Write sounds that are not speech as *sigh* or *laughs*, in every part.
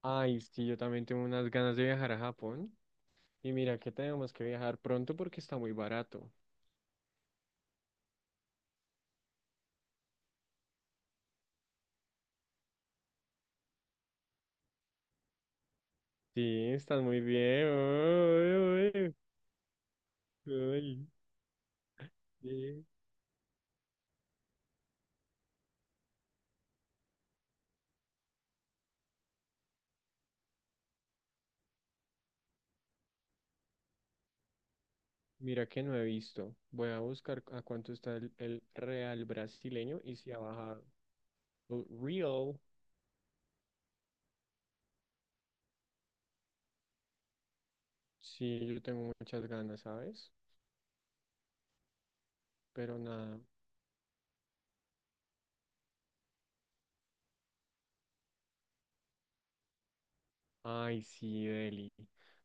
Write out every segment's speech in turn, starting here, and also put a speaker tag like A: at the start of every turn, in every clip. A: Ay, sí, yo también tengo unas ganas de viajar a Japón. Y mira que tenemos que viajar pronto porque está muy barato. Sí, están muy bien. Ay, ay, ay, sí. Mira que no he visto. Voy a buscar a cuánto está el real brasileño y si ha bajado. Oh, Real. Sí, yo tengo muchas ganas, ¿sabes? Pero nada. Ay, sí, Deli.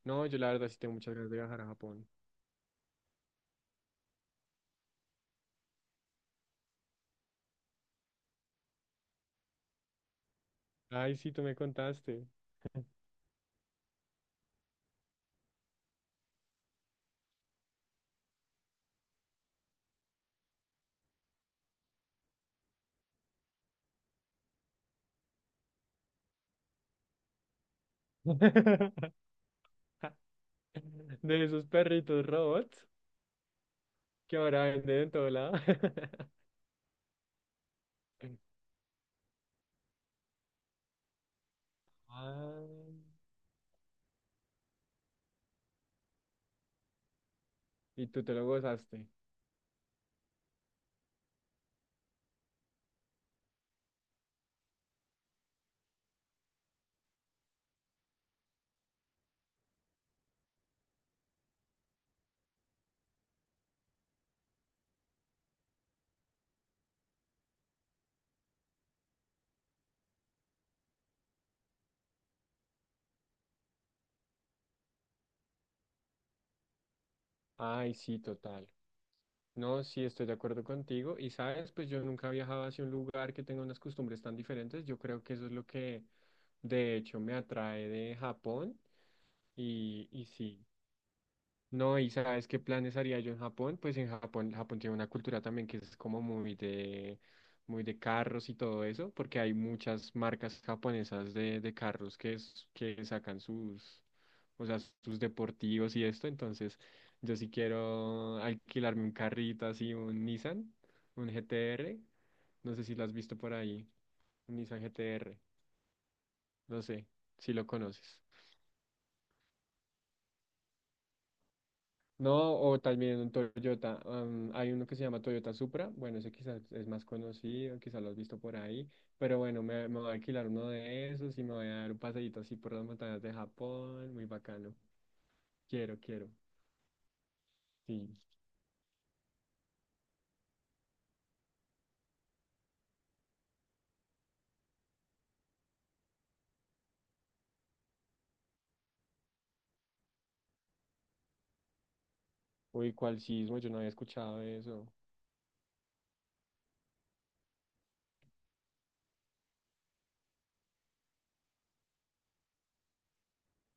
A: No, yo la verdad sí tengo muchas ganas de viajar a Japón. Ay, sí, tú me contaste. *laughs* *laughs* De esos perritos robots que ahora venden en todo lado. *laughs* Ah, y tú te lo gozaste. Ay, sí, total. No, sí, estoy de acuerdo contigo. Y sabes, pues yo nunca he viajado hacia un lugar que tenga unas costumbres tan diferentes. Yo creo que eso es lo que de hecho me atrae de Japón. Y sí. No, y ¿sabes qué planes haría yo en Japón? Pues en Japón, Japón tiene una cultura también que es como muy de carros y todo eso, porque hay muchas marcas japonesas de carros que sacan sus, o sea, sus deportivos y esto, entonces yo sí quiero alquilarme un carrito así, un Nissan, un GTR, no sé si lo has visto por ahí, un Nissan GTR, no sé si lo conoces. No, o también un Toyota. Hay uno que se llama Toyota Supra. Bueno, ese quizás es más conocido, quizás lo has visto por ahí. Pero bueno, me voy a alquilar uno de esos y me voy a dar un paseíto así por las montañas de Japón. Muy bacano. Quiero, quiero. Sí. Uy, ¿cuál sismo? Yo no había escuchado eso.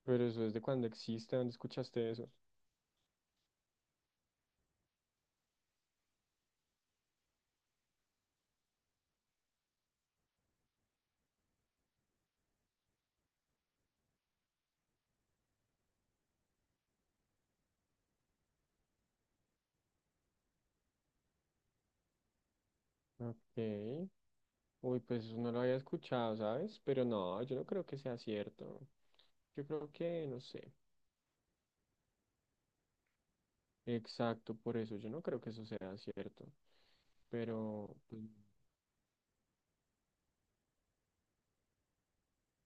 A: Pero eso es de cuando existe. ¿Dónde escuchaste eso? Ok. Uy, pues eso no lo había escuchado, ¿sabes? Pero no, yo no creo que sea cierto. Yo creo que, no sé. Exacto, por eso yo no creo que eso sea cierto. Pero pues,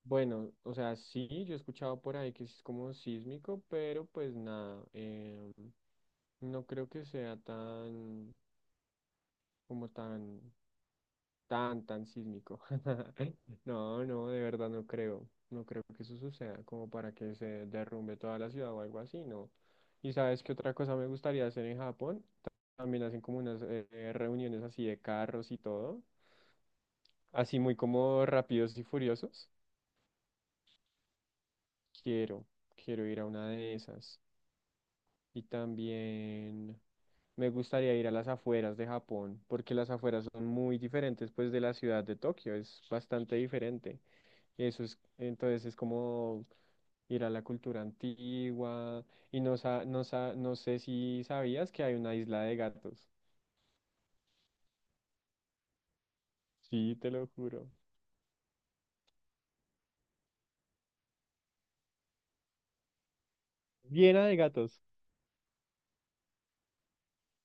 A: bueno, o sea, sí, yo he escuchado por ahí que es como sísmico, pero pues nada, no creo que sea tan, como tan, tan, tan sísmico. *laughs* No, no, de verdad no creo. No creo que eso suceda como para que se derrumbe toda la ciudad o algo así, no. Y ¿sabes qué otra cosa me gustaría hacer en Japón? También hacen como unas reuniones así de carros y todo. Así muy como Rápidos y Furiosos. Quiero, quiero ir a una de esas. Y también me gustaría ir a las afueras de Japón, porque las afueras son muy diferentes pues de la ciudad de Tokio, es bastante diferente. Eso es, entonces es como ir a la cultura antigua y no sé si sabías que hay una isla de gatos. Sí, te lo juro. Llena de gatos.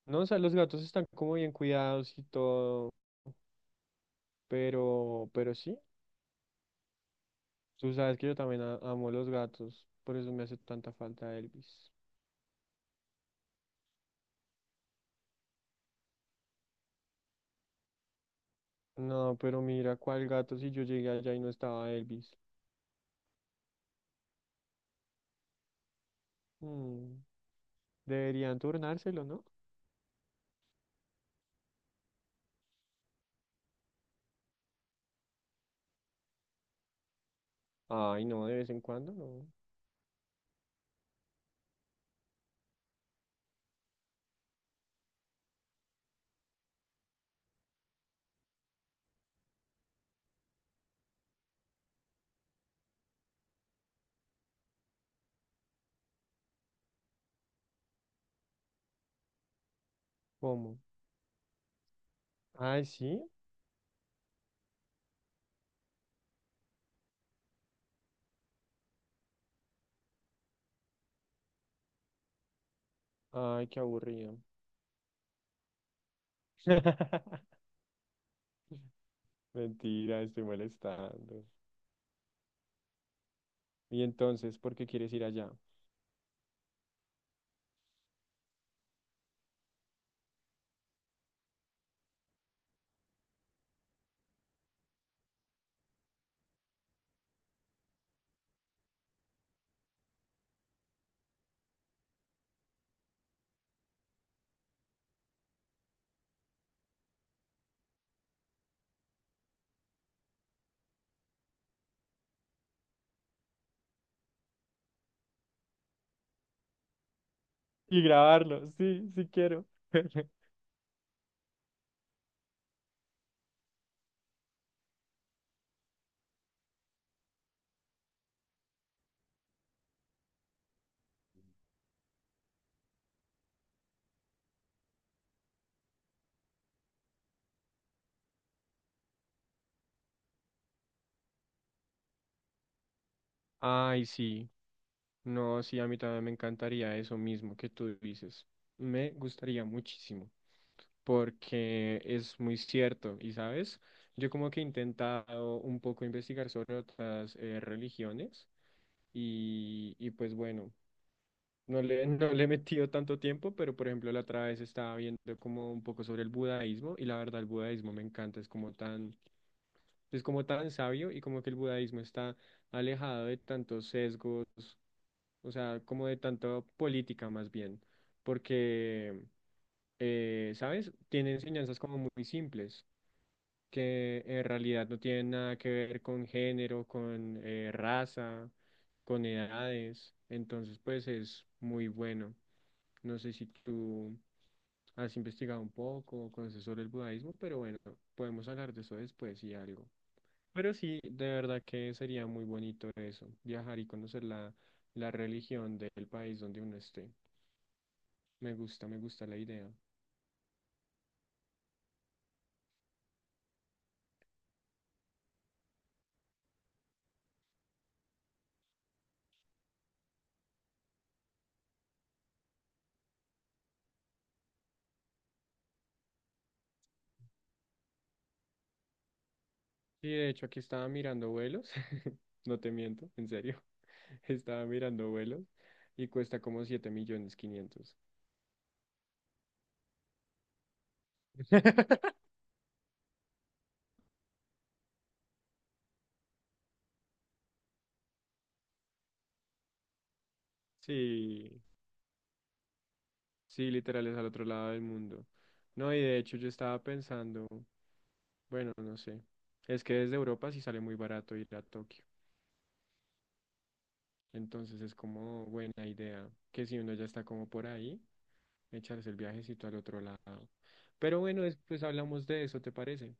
A: No, o sea, los gatos están como bien cuidados y todo. Pero sí, tú sabes que yo también amo los gatos, por eso me hace tanta falta Elvis. No, pero mira, ¿cuál gato si yo llegué allá y no estaba Elvis? Mm, deberían turnárselo, ¿no? Ay, no, de vez en cuando, no. ¿Cómo? Ay, sí. Ay, qué aburrido. *laughs* Mentira, estoy molestando. Y entonces, ¿por qué quieres ir allá? Y grabarlo, sí, sí quiero. *laughs* Ay, sí. No, sí, a mí también me encantaría eso mismo que tú dices. Me gustaría muchísimo, porque es muy cierto. Y sabes, yo como que he intentado un poco investigar sobre otras religiones y pues bueno, *laughs* no le he metido tanto tiempo, pero por ejemplo la otra vez estaba viendo como un poco sobre el budaísmo y la verdad el budaísmo me encanta, es como tan sabio y como que el budaísmo está alejado de tantos sesgos, o sea, como de tanto política más bien, porque, ¿sabes? Tiene enseñanzas como muy simples, que en realidad no tienen nada que ver con género, con raza, con edades, entonces pues es muy bueno. No sé si tú has investigado un poco o conoces sobre el budismo, pero bueno, podemos hablar de eso después y algo. Pero sí, de verdad que sería muy bonito eso, viajar y conocer la, la religión del país donde uno esté. Me gusta la idea. Sí, de hecho, aquí estaba mirando vuelos, *laughs* no te miento, en serio, *laughs* estaba mirando vuelos y cuesta como 7.500.000. *laughs* Sí, sí, literal es al otro lado del mundo. No, y de hecho yo estaba pensando, bueno, no sé, es que desde Europa sí sale muy barato ir a Tokio. Entonces es como buena idea que si uno ya está como por ahí, echarse el viajecito al otro lado. Pero bueno, después hablamos de eso, ¿te parece?